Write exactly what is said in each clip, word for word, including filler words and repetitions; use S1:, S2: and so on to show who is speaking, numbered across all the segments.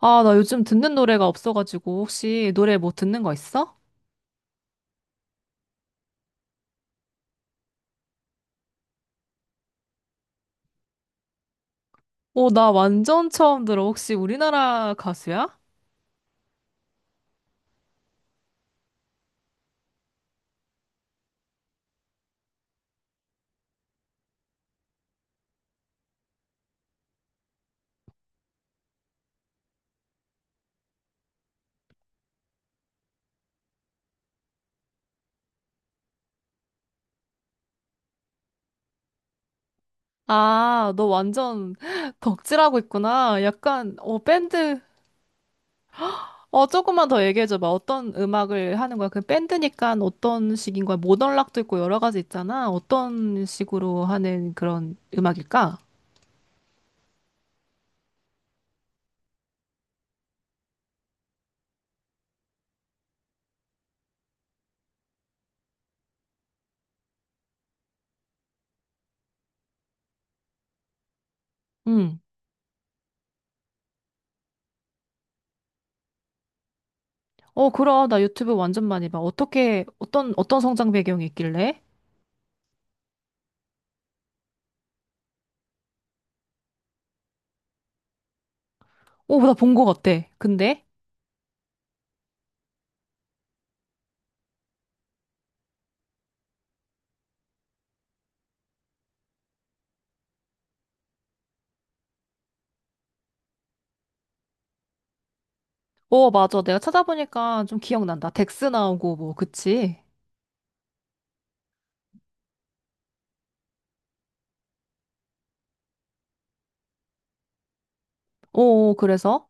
S1: 아, 나 요즘 듣는 노래가 없어가지고 혹시 노래 뭐 듣는 거 있어? 오, 나 완전 처음 들어. 혹시 우리나라 가수야? 아, 너 완전 덕질하고 있구나. 약간, 어, 밴드. 어, 조금만 더 얘기해줘봐. 어떤 음악을 하는 거야? 그 밴드니까 어떤 식인 거야? 모던락도 있고 여러 가지 있잖아. 어떤 식으로 하는 그런 음악일까? 응. 어, 그럼. 나 유튜브 완전 많이 봐. 어떻게, 어떤, 어떤 성장 배경이 있길래? 오, 나 본 거 같아. 근데? 어, 맞아. 내가 찾아보니까 좀 기억난다. 덱스 나오고, 뭐, 그치? 어, 그래서?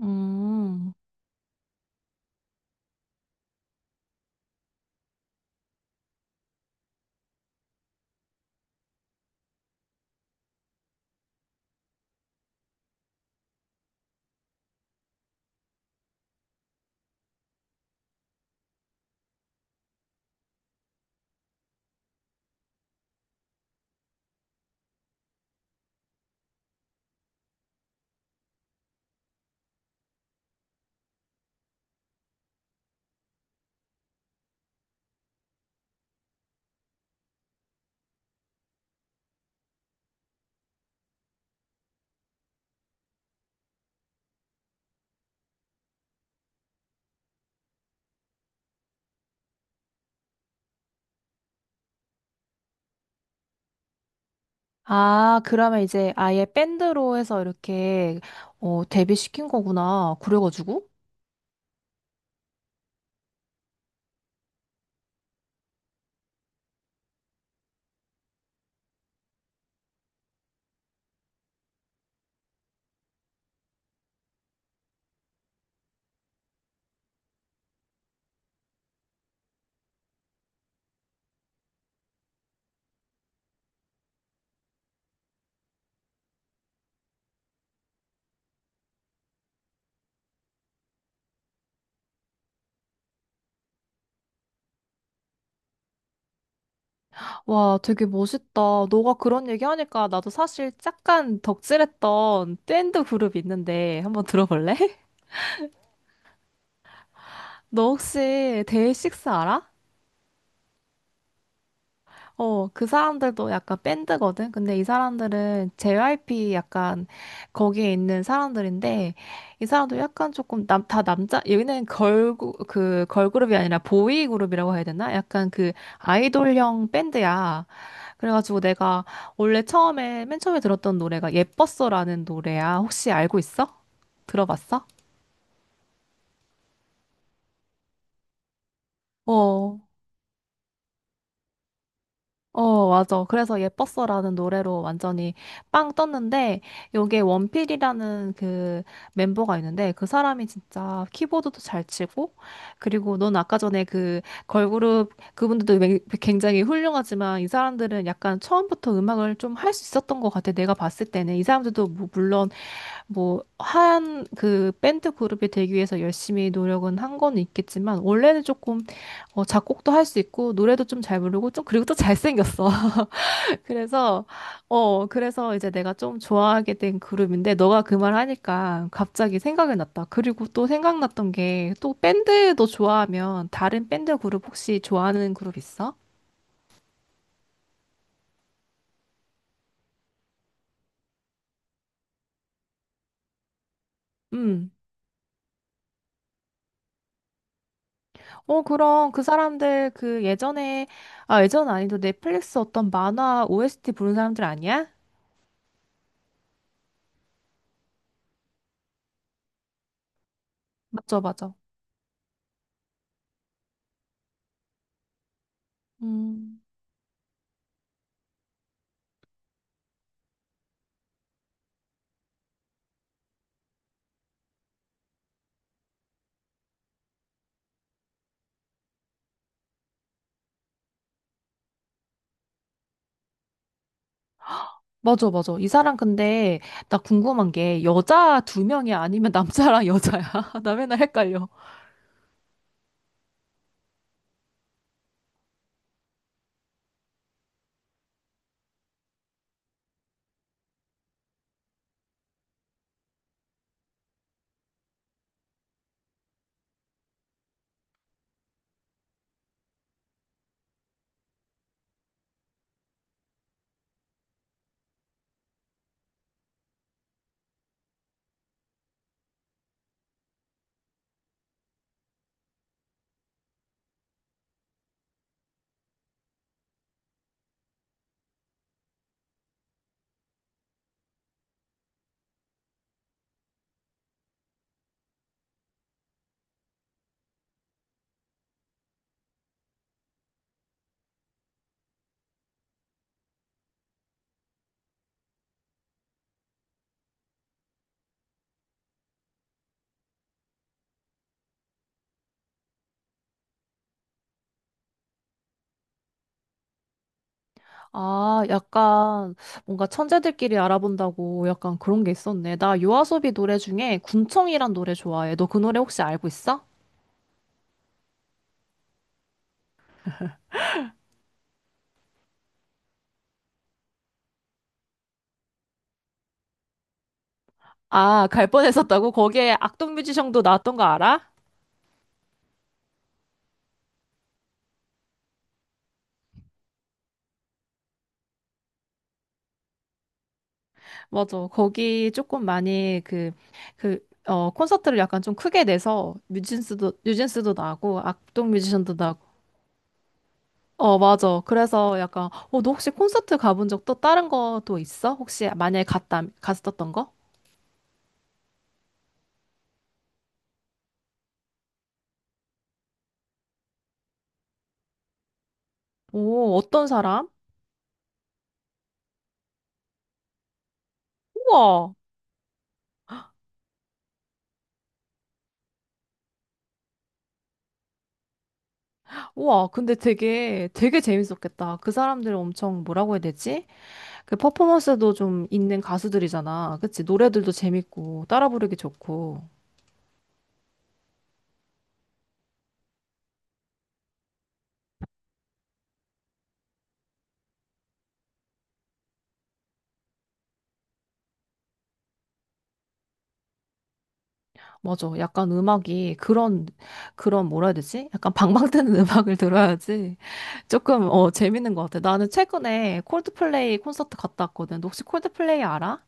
S1: 음. 아, 그러면 이제 아예 밴드로 해서 이렇게 어, 데뷔시킨 거구나. 그래가지고. 와, 되게 멋있다. 너가 그런 얘기 하니까 나도 사실 잠깐 덕질했던 밴드 그룹 있는데 한번 들어볼래? 너 혹시 데이식스 알아? 어, 그 사람들도 약간 밴드거든? 근데 이 사람들은 제이와이피 약간 거기에 있는 사람들인데, 이 사람도 약간 조금 남, 다 남자, 여기는 걸, 그, 걸그룹이 아니라 보이 그룹이라고 해야 되나? 약간 그 아이돌형 밴드야. 그래가지고 내가 원래 처음에, 맨 처음에 들었던 노래가 예뻤어라는 노래야. 혹시 알고 있어? 들어봤어? 어. 어, 맞아. 그래서 예뻤어라는 노래로 완전히 빵 떴는데, 여기에 원필이라는 그 멤버가 있는데, 그 사람이 진짜 키보드도 잘 치고, 그리고 넌 아까 전에 그 걸그룹, 그분들도 맹- 굉장히 훌륭하지만, 이 사람들은 약간 처음부터 음악을 좀 할 수 있었던 것 같아. 내가 봤을 때는. 이 사람들도 뭐 물론, 뭐, 한 그 밴드 그룹이 되기 위해서 열심히 노력은 한 건 있겠지만, 원래는 조금 어, 작곡도 할 수 있고 노래도 좀 잘 부르고 좀 그리고 또 잘생겼어. 그래서 어 그래서 이제 내가 좀 좋아하게 된 그룹인데 너가 그 말 하니까 갑자기 생각이 났다. 그리고 또 생각났던 게 또 밴드도 좋아하면 다른 밴드 그룹 혹시 좋아하는 그룹 있어? 음. 어 그럼 그 사람들 그 예전에 아 예전 아니도 넷플릭스 어떤 만화 오에스티 부른 사람들 아니야? 맞죠, 맞아. 음. 맞아, 맞아. 이 사람 근데 나 궁금한 게 여자 두 명이 아니면 남자랑 여자야? 나 맨날 헷갈려. 아, 약간 뭔가 천재들끼리 알아본다고 약간 그런 게 있었네. 나 요아소비 노래 중에 군청이란 노래 좋아해. 너 그 노래 혹시 알고 있어? 아, 갈 뻔했었다고? 거기에 악동 뮤지션도 나왔던 거 알아? 맞아. 거기 조금 많이 그, 그, 어, 콘서트를 약간 좀 크게 내서 뉴진스도, 뉴진스도 나고 악동 뮤지션도 나고. 어, 맞아. 그래서 약간, 어, 너 혹시 콘서트 가본 적 또 다른 거 또 있어? 혹시 만약에 갔다, 갔었던 거? 오, 어떤 사람? 우와. 우와, 근데 되게, 되게 재밌었겠다. 그 사람들 엄청 뭐라고 해야 되지? 그 퍼포먼스도 좀 있는 가수들이잖아. 그치? 노래들도 재밌고, 따라 부르기 좋고. 맞아. 약간 음악이 그런, 그런 뭐라 해야 되지? 약간 방방 뜨는 음악을 들어야지. 조금, 어, 재밌는 것 같아. 나는 최근에 콜드플레이 콘서트 갔다 왔거든. 너 혹시 콜드플레이 알아?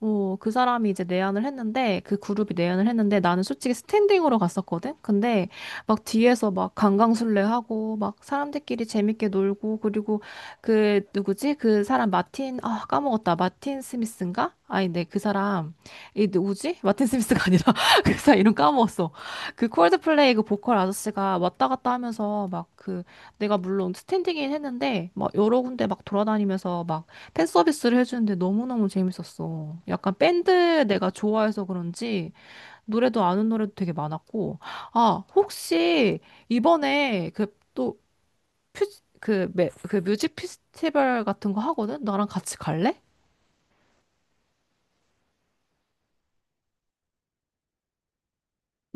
S1: 어, 그 사람이 이제 내한을 했는데, 그 그룹이 내한을 했는데, 나는 솔직히 스탠딩으로 갔었거든? 근데, 막 뒤에서 막 강강술래하고, 막 사람들끼리 재밌게 놀고, 그리고 그, 누구지? 그 사람 마틴, 아, 까먹었다. 마틴 스미스인가? 아니, 네, 그 사람. 이 누구지? 마틴 스미스가 아니라, 그 사람 이름 까먹었어. 그 콜드플레이 그 보컬 아저씨가 왔다 갔다 하면서, 막 그, 내가 물론 스탠딩이긴 했는데, 막 여러 군데 막 돌아다니면서, 막 팬 서비스를 해주는데 너무너무 재밌었어. 약간 밴드 내가 좋아해서 그런지 노래도 아는 노래도 되게 많았고. 아, 혹시 이번에 그 또 그, 매- 그 뮤직 페스티벌 같은 거 하거든? 나랑 같이 갈래?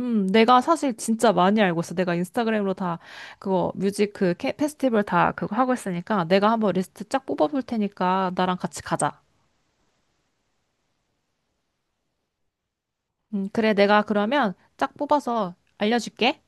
S1: 음, 내가 사실 진짜 많이 알고 있어. 내가 인스타그램으로 다 그거 뮤직 그 캐- 페스티벌 다 그거 하고 있으니까 내가 한번 리스트 쫙 뽑아볼 테니까 나랑 같이 가자. 음, 그래. 내가 그러면 쫙 뽑아서 알려줄게.